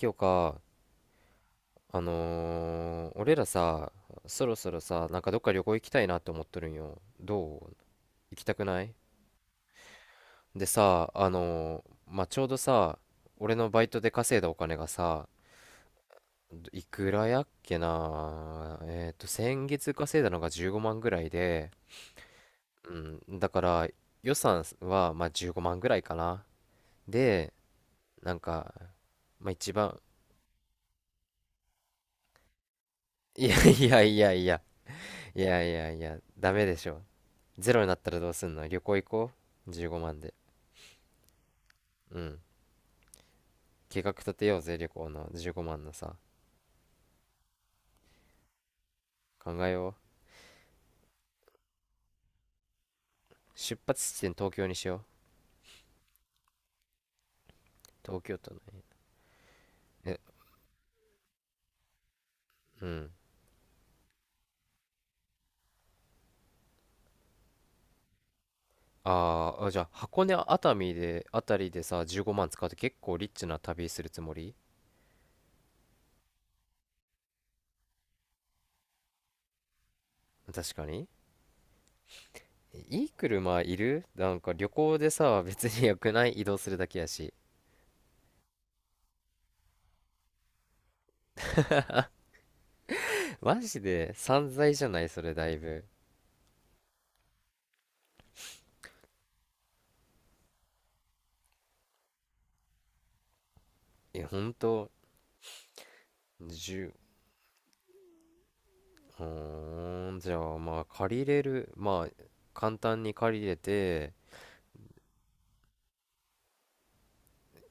今日か、俺らさ、そろそろさ、なんかどっか旅行行きたいなって思っとるんよ。どう？行きたくない？で、さ、まあ、ちょうどさ、俺のバイトで稼いだお金がさ、いくらやっけな、先月稼いだのが15万ぐらいで、うん、だから予算は、まあ、15万ぐらいかな。で、なんか、まあ、一番、いやいやいやいや、いやいやいや、ダメでしょ。ゼロになったらどうすんの？旅行行こう？ 15 万で。うん。計画立てようぜ、旅行の15万のさ。考えよう。出発地点東京にしよう。東京都のね。え、うん。あーあ、じゃあ箱根熱海で、あたりでさ、15万使うと結構リッチな旅するつもり？確かに。いい車いる？なんか旅行でさ、別に良くない？移動するだけやし。マジで散財じゃないそれだいぶ。え、ほんと？10、うーん、じゃあまあ借りれる、まあ簡単に借りれて、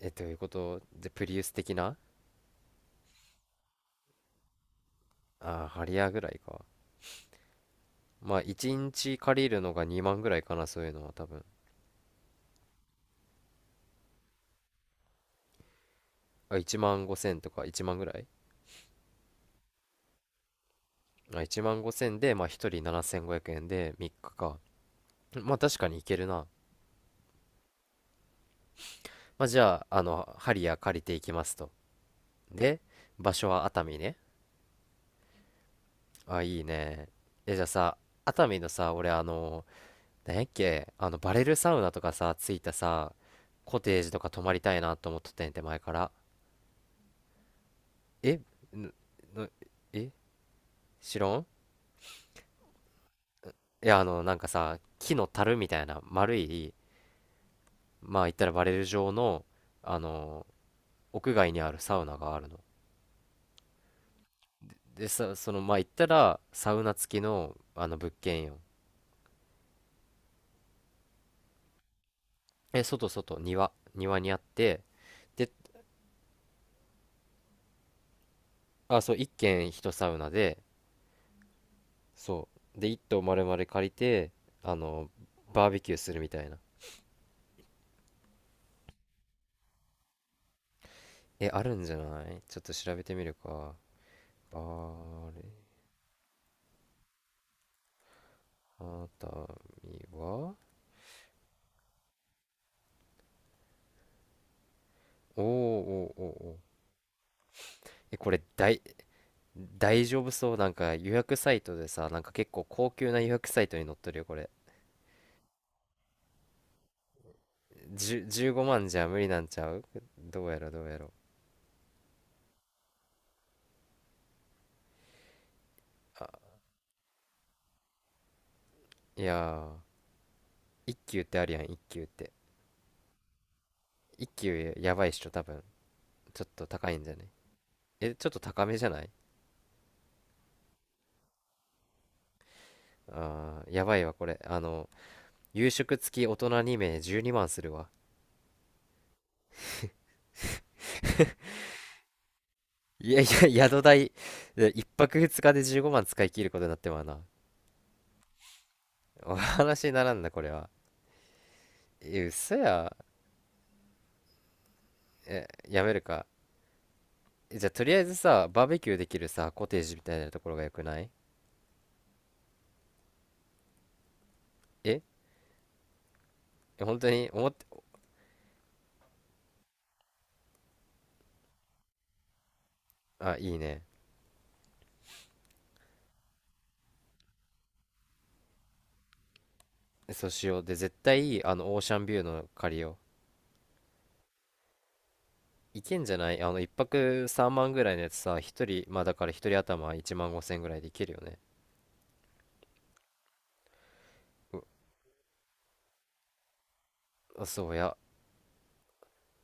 え、ということで、プリウス的な？ああ、ハリアーぐらいか。まあ1日借りるのが2万ぐらいかな、そういうのは多分。あ、1万5千とか1万ぐらい？あ、1万5千で、まあ1人7500円で3日かか。まあ確かにいけるな。まあじゃあ、ハリアー借りていきますと。で、場所は熱海ね。あ、いいね。え、じゃあさ、熱海のさ、俺なんやっけ、バレルサウナとかさ、ついたさ、コテージとか泊まりたいなと思っとってんて、前から。えぬぬえ知らん。いや、なんかさ、木の樽みたいな、丸い、まあ、言ったらバレル状の、あの、屋外にあるサウナがあるの。で、さ、その、まあ、言ったら、サウナ付きの、物件よ。え、庭にあって、で、あ、そう、一軒一サウナで、そうで一棟丸々借りてあのバーベキューするみたいな。えあるんじゃない？ちょっと調べてみるか。バーレ熱海は。おーおーおーおー。えこれ大丈夫そう？なんか予約サイトでさ、なんか結構高級な予約サイトに載っとるよこれ。15万じゃ無理なんちゃう？どうやろどうやろ。あ、いやー一級ってあるやん、一級って。一級やばいっしょ多分。ちょっと高いんじゃね？え、ちょっと高めじゃない？あーやばいわこれ夕食付き大人2名12万するわ。いやいや 宿代で1泊2日で15万使い切ることになってまうな。お話にならんなこれは。え、嘘や。え、やめるか。えじゃあとりあえずさ、バーベキューできるさコテージみたいなところがよくない？ええ、本当に思って？あ、いいね。そうしようで、絶対いい、あのオーシャンビューの借りよう。いけんじゃない？あの1泊3万ぐらいのやつさ、1人、まあだから1人頭1万5千ぐらいでいけるよね。あ、そうや、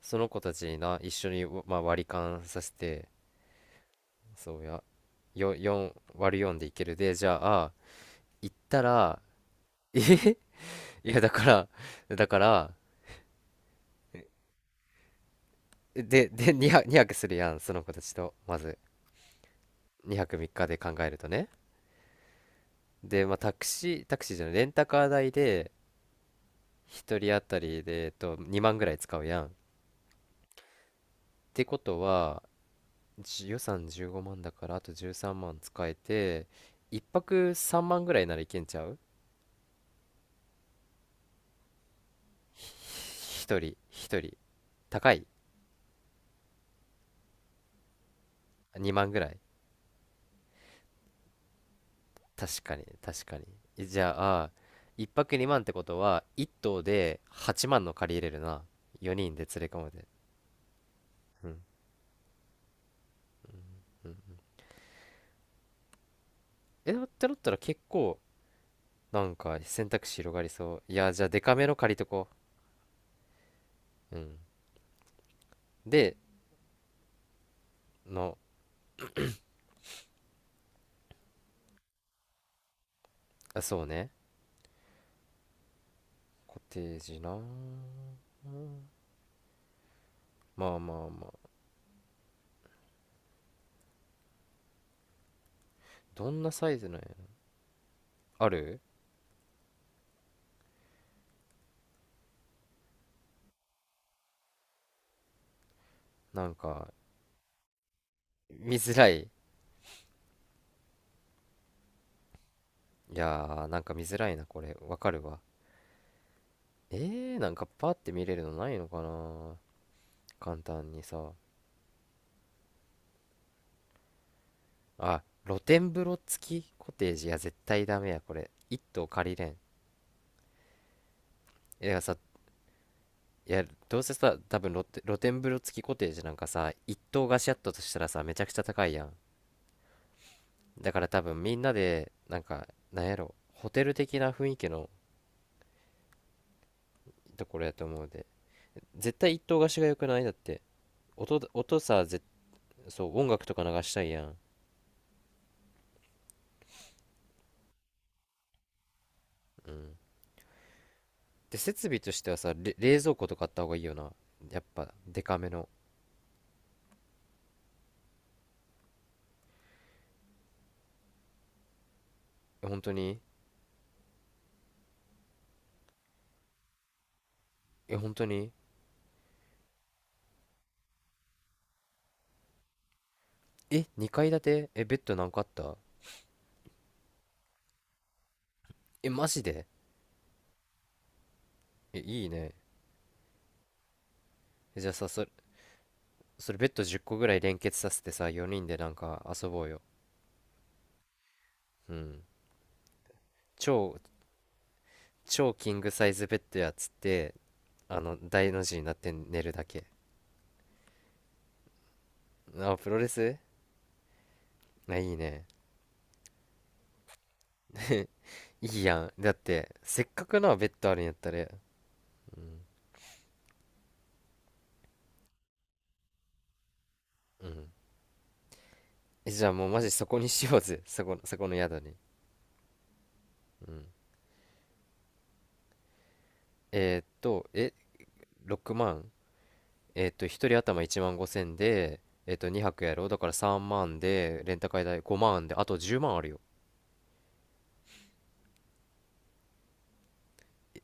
その子たちにな一緒に、まあ、割り勘させて。そうやよ、4割る4でいけるでじゃあ。行ったら。 えへ。いやだからだから、で、 2、 2泊するやんその子たちとまず。2泊3日で考えるとね。で、まあ、タクシータクシーじゃないレンタカー代で1人当たりで、えっと、2万ぐらい使うやんってことは。予算15万だからあと13万使えて、1泊3万ぐらいならいけんちゃう？一人一人高い？2万ぐらい？確かに確かに。えじゃあ1泊2万ってことは1棟で8万の借りれるな。4人で連れ込むで。うん、うん。えってなったら結構なんか選択肢広がりそう、いやじゃあデカめの借りとこ。ううん。で、の、あ、そうね。コテージな。うん、まあまあまあ。どんなサイズなんやろ。ある？なんか見づらい。いやーなんか見づらいな、これわかるわ。えー、なんかパーって見れるのないのかな、簡単にさ。あ、露天風呂付きコテージ、いや絶対ダメや、これ一棟借りれん。いやさ、いやどうせさ、多分露天風呂付きコテージなんかさ一棟貸しやったとしたらさ、めちゃくちゃ高いやん。だから多分みんなでなんか、なんやろ、ホテル的な雰囲気のところやと思うで、絶対一棟貸しが良くない。だって音さぜ。そう、音楽とか流したいやん。うん。で、設備としてはさ、冷蔵庫とかあった方がいいよな。やっぱ、デカめの。え、本当に？え、本当に？え、2階建て？え、ベッド何個あった？え、マジで？え、いいね。えじゃあさ、それ、それベッド10個ぐらい連結させてさ、4人でなんか遊ぼうよ。うん。超、超キングサイズベッドやっつって、大の字になって寝るだけ。あ、プロレス？あ、いいね。いいやん。だって、せっかくなベッドあるんやったら、うん、うん。えじゃあもうマジそこにしようぜ。そこの、そこの宿に。うん。えーっと、え、6万。えーっと、一人頭1万5千で、えーっと、2泊やろう。だから3万で、レンタカー代5万で、あと10万あるよ。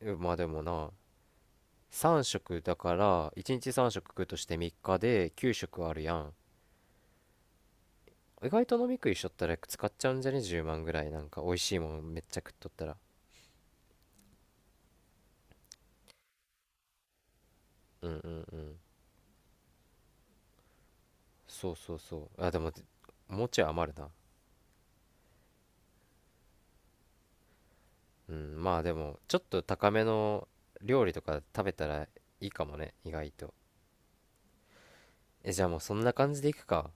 えまあでもな、3食だから、1日3食食うとして3日で9食あるやん。意外と飲み食いしとったら使っちゃうんじゃね？ 10 万ぐらい。なんか美味しいもんめっちゃ食っとったら。うん、うん、うん。そう、そう、そう。あ、でも、もうちょい余るな。うん、まあでも、ちょっと高めの料理とか食べたらいいかもね、意外と。え、じゃあもうそんな感じでいくか。